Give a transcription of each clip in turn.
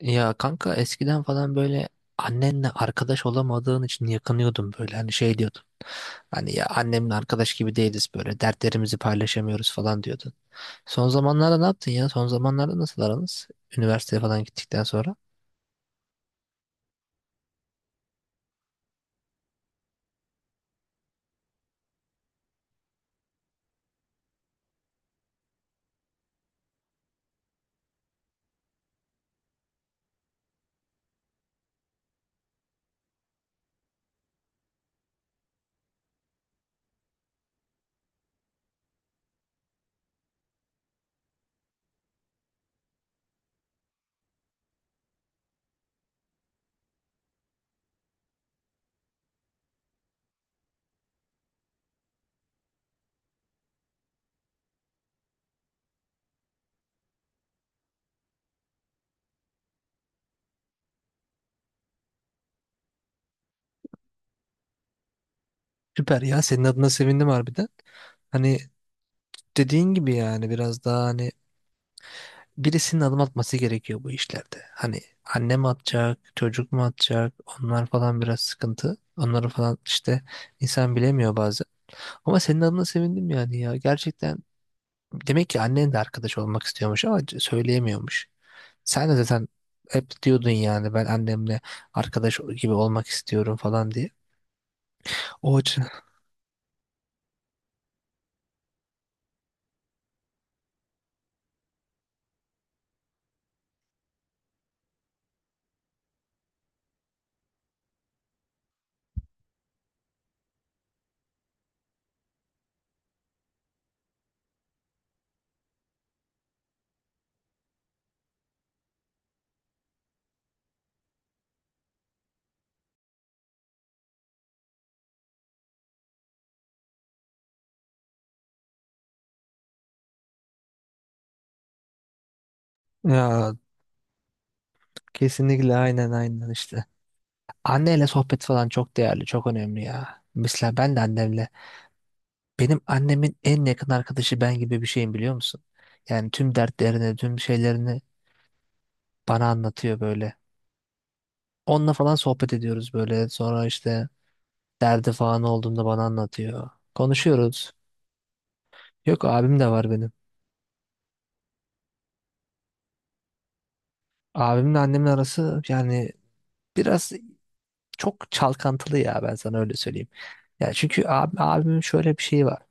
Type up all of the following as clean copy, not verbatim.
Ya kanka eskiden falan böyle annenle arkadaş olamadığın için yakınıyordum böyle hani şey diyordum. Hani ya annemle arkadaş gibi değiliz böyle dertlerimizi paylaşamıyoruz falan diyordun. Son zamanlarda ne yaptın ya? Son zamanlarda nasıl aranız? Üniversiteye falan gittikten sonra. Süper ya, senin adına sevindim harbiden. Hani dediğin gibi yani biraz daha hani birisinin adım atması gerekiyor bu işlerde. Hani anne mi atacak, çocuk mu atacak onlar falan biraz sıkıntı. Onları falan işte insan bilemiyor bazen. Ama senin adına sevindim yani ya. Gerçekten demek ki annen de arkadaş olmak istiyormuş ama söyleyemiyormuş. Sen de zaten hep diyordun yani ben annemle arkadaş gibi olmak istiyorum falan diye. O açı- Ya kesinlikle, aynen aynen işte. Anneyle sohbet falan çok değerli, çok önemli ya. Mesela ben de annemle, benim annemin en yakın arkadaşı ben gibi bir şeyim biliyor musun? Yani tüm dertlerini, tüm şeylerini bana anlatıyor böyle. Onunla falan sohbet ediyoruz böyle. Sonra işte derdi falan olduğunda bana anlatıyor. Konuşuyoruz. Yok, abim de var benim. Abimle annemin arası yani biraz çok çalkantılı ya, ben sana öyle söyleyeyim. Ya çünkü abi, abimin şöyle bir şeyi var.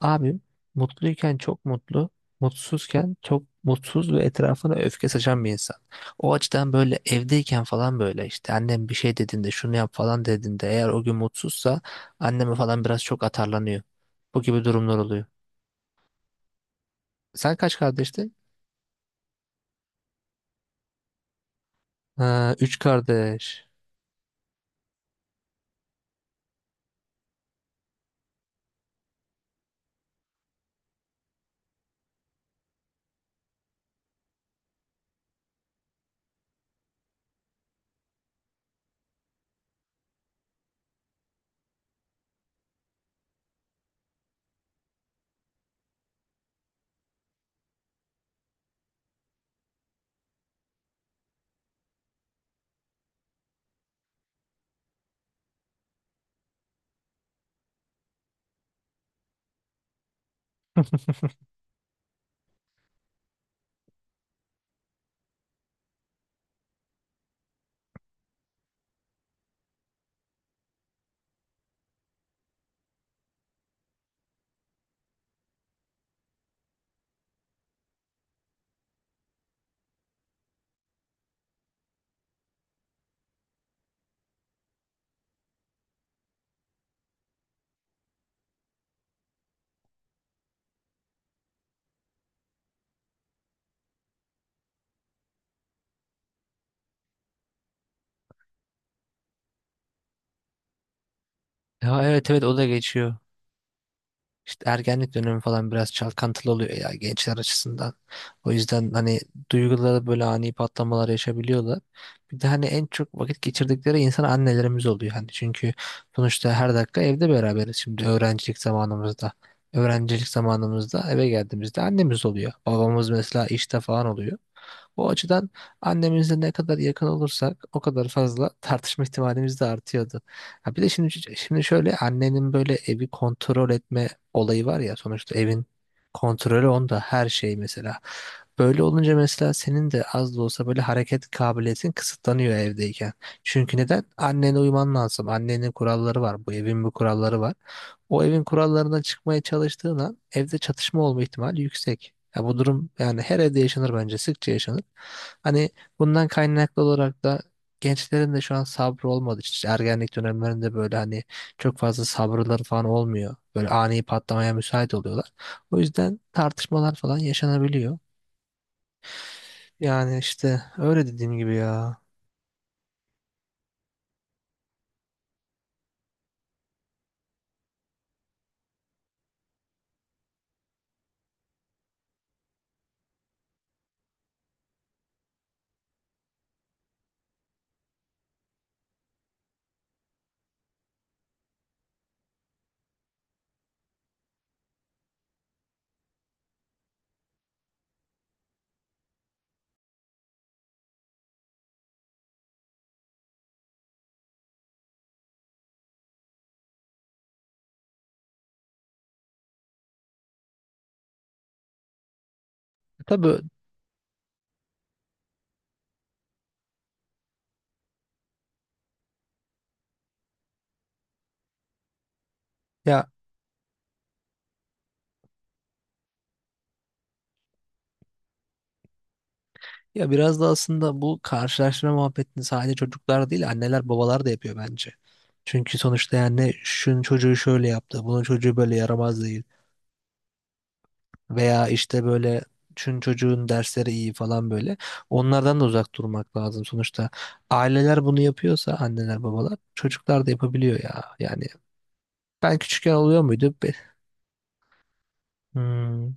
Abim mutluyken çok mutlu, mutsuzken çok mutsuz ve etrafına öfke saçan bir insan. O açıdan böyle evdeyken falan böyle işte annem bir şey dediğinde şunu yap falan dediğinde eğer o gün mutsuzsa anneme falan biraz çok atarlanıyor. Bu gibi durumlar oluyor. Sen kaç kardeştin? Ha, üç kardeş. Ya evet evet, o da geçiyor. İşte ergenlik dönemi falan biraz çalkantılı oluyor ya gençler açısından. O yüzden hani duyguları böyle ani patlamalar yaşabiliyorlar. Bir de hani en çok vakit geçirdikleri insan annelerimiz oluyor. Hani çünkü sonuçta her dakika evde beraberiz şimdi öğrencilik zamanımızda. Öğrencilik zamanımızda eve geldiğimizde annemiz oluyor. Babamız mesela işte falan oluyor. O açıdan annemizle ne kadar yakın olursak o kadar fazla tartışma ihtimalimiz de artıyordu. Ha bir de şimdi şöyle annenin böyle evi kontrol etme olayı var ya, sonuçta evin kontrolü onda, her şey mesela. Böyle olunca mesela senin de az da olsa böyle hareket kabiliyetin kısıtlanıyor evdeyken. Çünkü neden? Annene uyman lazım. Annenin kuralları var. Bu evin bir kuralları var. O evin kurallarından çıkmaya çalıştığın an evde çatışma olma ihtimali yüksek. Ya bu durum yani her evde yaşanır, bence sıkça yaşanır. Hani bundan kaynaklı olarak da gençlerin de şu an sabrı olmadı. İşte ergenlik dönemlerinde böyle hani çok fazla sabırları falan olmuyor. Böyle ani patlamaya müsait oluyorlar. O yüzden tartışmalar falan yaşanabiliyor. Yani işte öyle dediğim gibi ya. Tabii, ya ya biraz da aslında bu karşılaştırma muhabbetini sadece çocuklar değil anneler babalar da yapıyor bence. Çünkü sonuçta yani şunun çocuğu şöyle yaptı, bunun çocuğu böyle yaramaz değil. Veya işte böyle şunun çocuğun dersleri iyi falan böyle. Onlardan da uzak durmak lazım sonuçta. Aileler bunu yapıyorsa, anneler babalar, çocuklar da yapabiliyor ya. Yani ben küçükken oluyor muydu? Be- Hmm.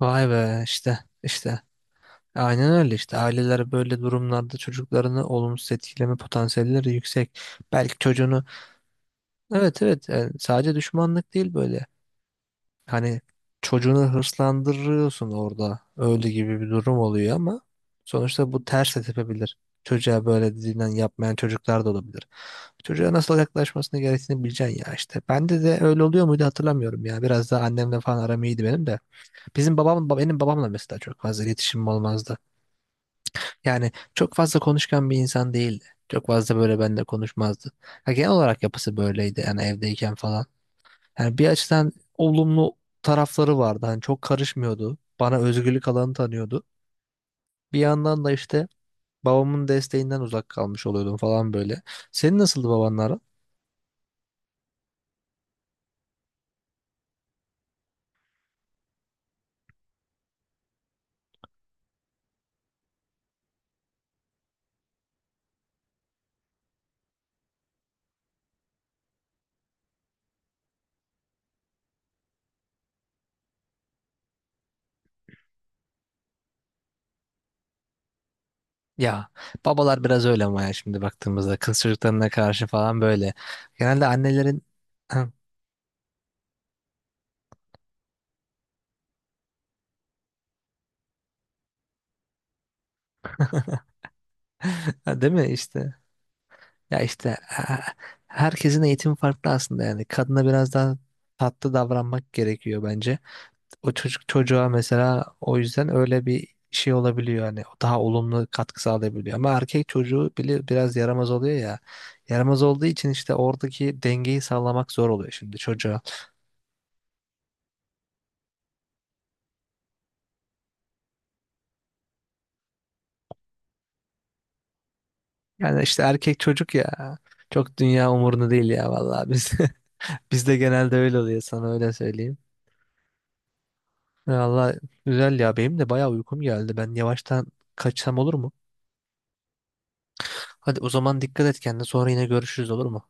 Vay be, işte işte. Aynen öyle işte. Aileler böyle durumlarda çocuklarını olumsuz etkileme potansiyelleri yüksek. Belki çocuğunu evet evet yani sadece düşmanlık değil böyle. Hani çocuğunu hırslandırıyorsun orada. Öyle gibi bir durum oluyor ama sonuçta bu ters de tepebilir. Çocuğa böyle dediğinden yapmayan çocuklar da olabilir. Çocuğa nasıl yaklaşmasını gerektiğini bileceksin ya işte. Bende de öyle oluyor muydu hatırlamıyorum ya. Biraz daha annemle falan aram iyiydi benim de. Benim babamla mesela çok fazla iletişimim olmazdı. Yani çok fazla konuşkan bir insan değildi. Çok fazla böyle benimle konuşmazdı. Ya genel olarak yapısı böyleydi yani evdeyken falan. Yani bir açıdan olumlu tarafları vardı. Hani çok karışmıyordu. Bana özgürlük alanı tanıyordu. Bir yandan da işte babamın desteğinden uzak kalmış oluyordum falan böyle. Senin nasıldı babanların? Ya babalar biraz öyle ama ya şimdi baktığımızda kız çocuklarına karşı falan böyle. Genelde annelerin değil mi işte? Ya işte eh, herkesin eğitimi farklı aslında yani. Kadına biraz daha tatlı davranmak gerekiyor bence. O çocuk çocuğa mesela, o yüzden öyle bir şey olabiliyor hani, o daha olumlu katkı sağlayabiliyor. Ama erkek çocuğu bile biraz yaramaz oluyor ya. Yaramaz olduğu için işte oradaki dengeyi sağlamak zor oluyor şimdi çocuğa. Yani işte erkek çocuk ya, çok dünya umurunda değil ya vallahi, biz bizde genelde öyle oluyor, sana öyle söyleyeyim. Vallahi güzel ya, benim de bayağı uykum geldi. Ben yavaştan kaçsam olur mu? Hadi o zaman dikkat et kendine. Sonra yine görüşürüz, olur mu?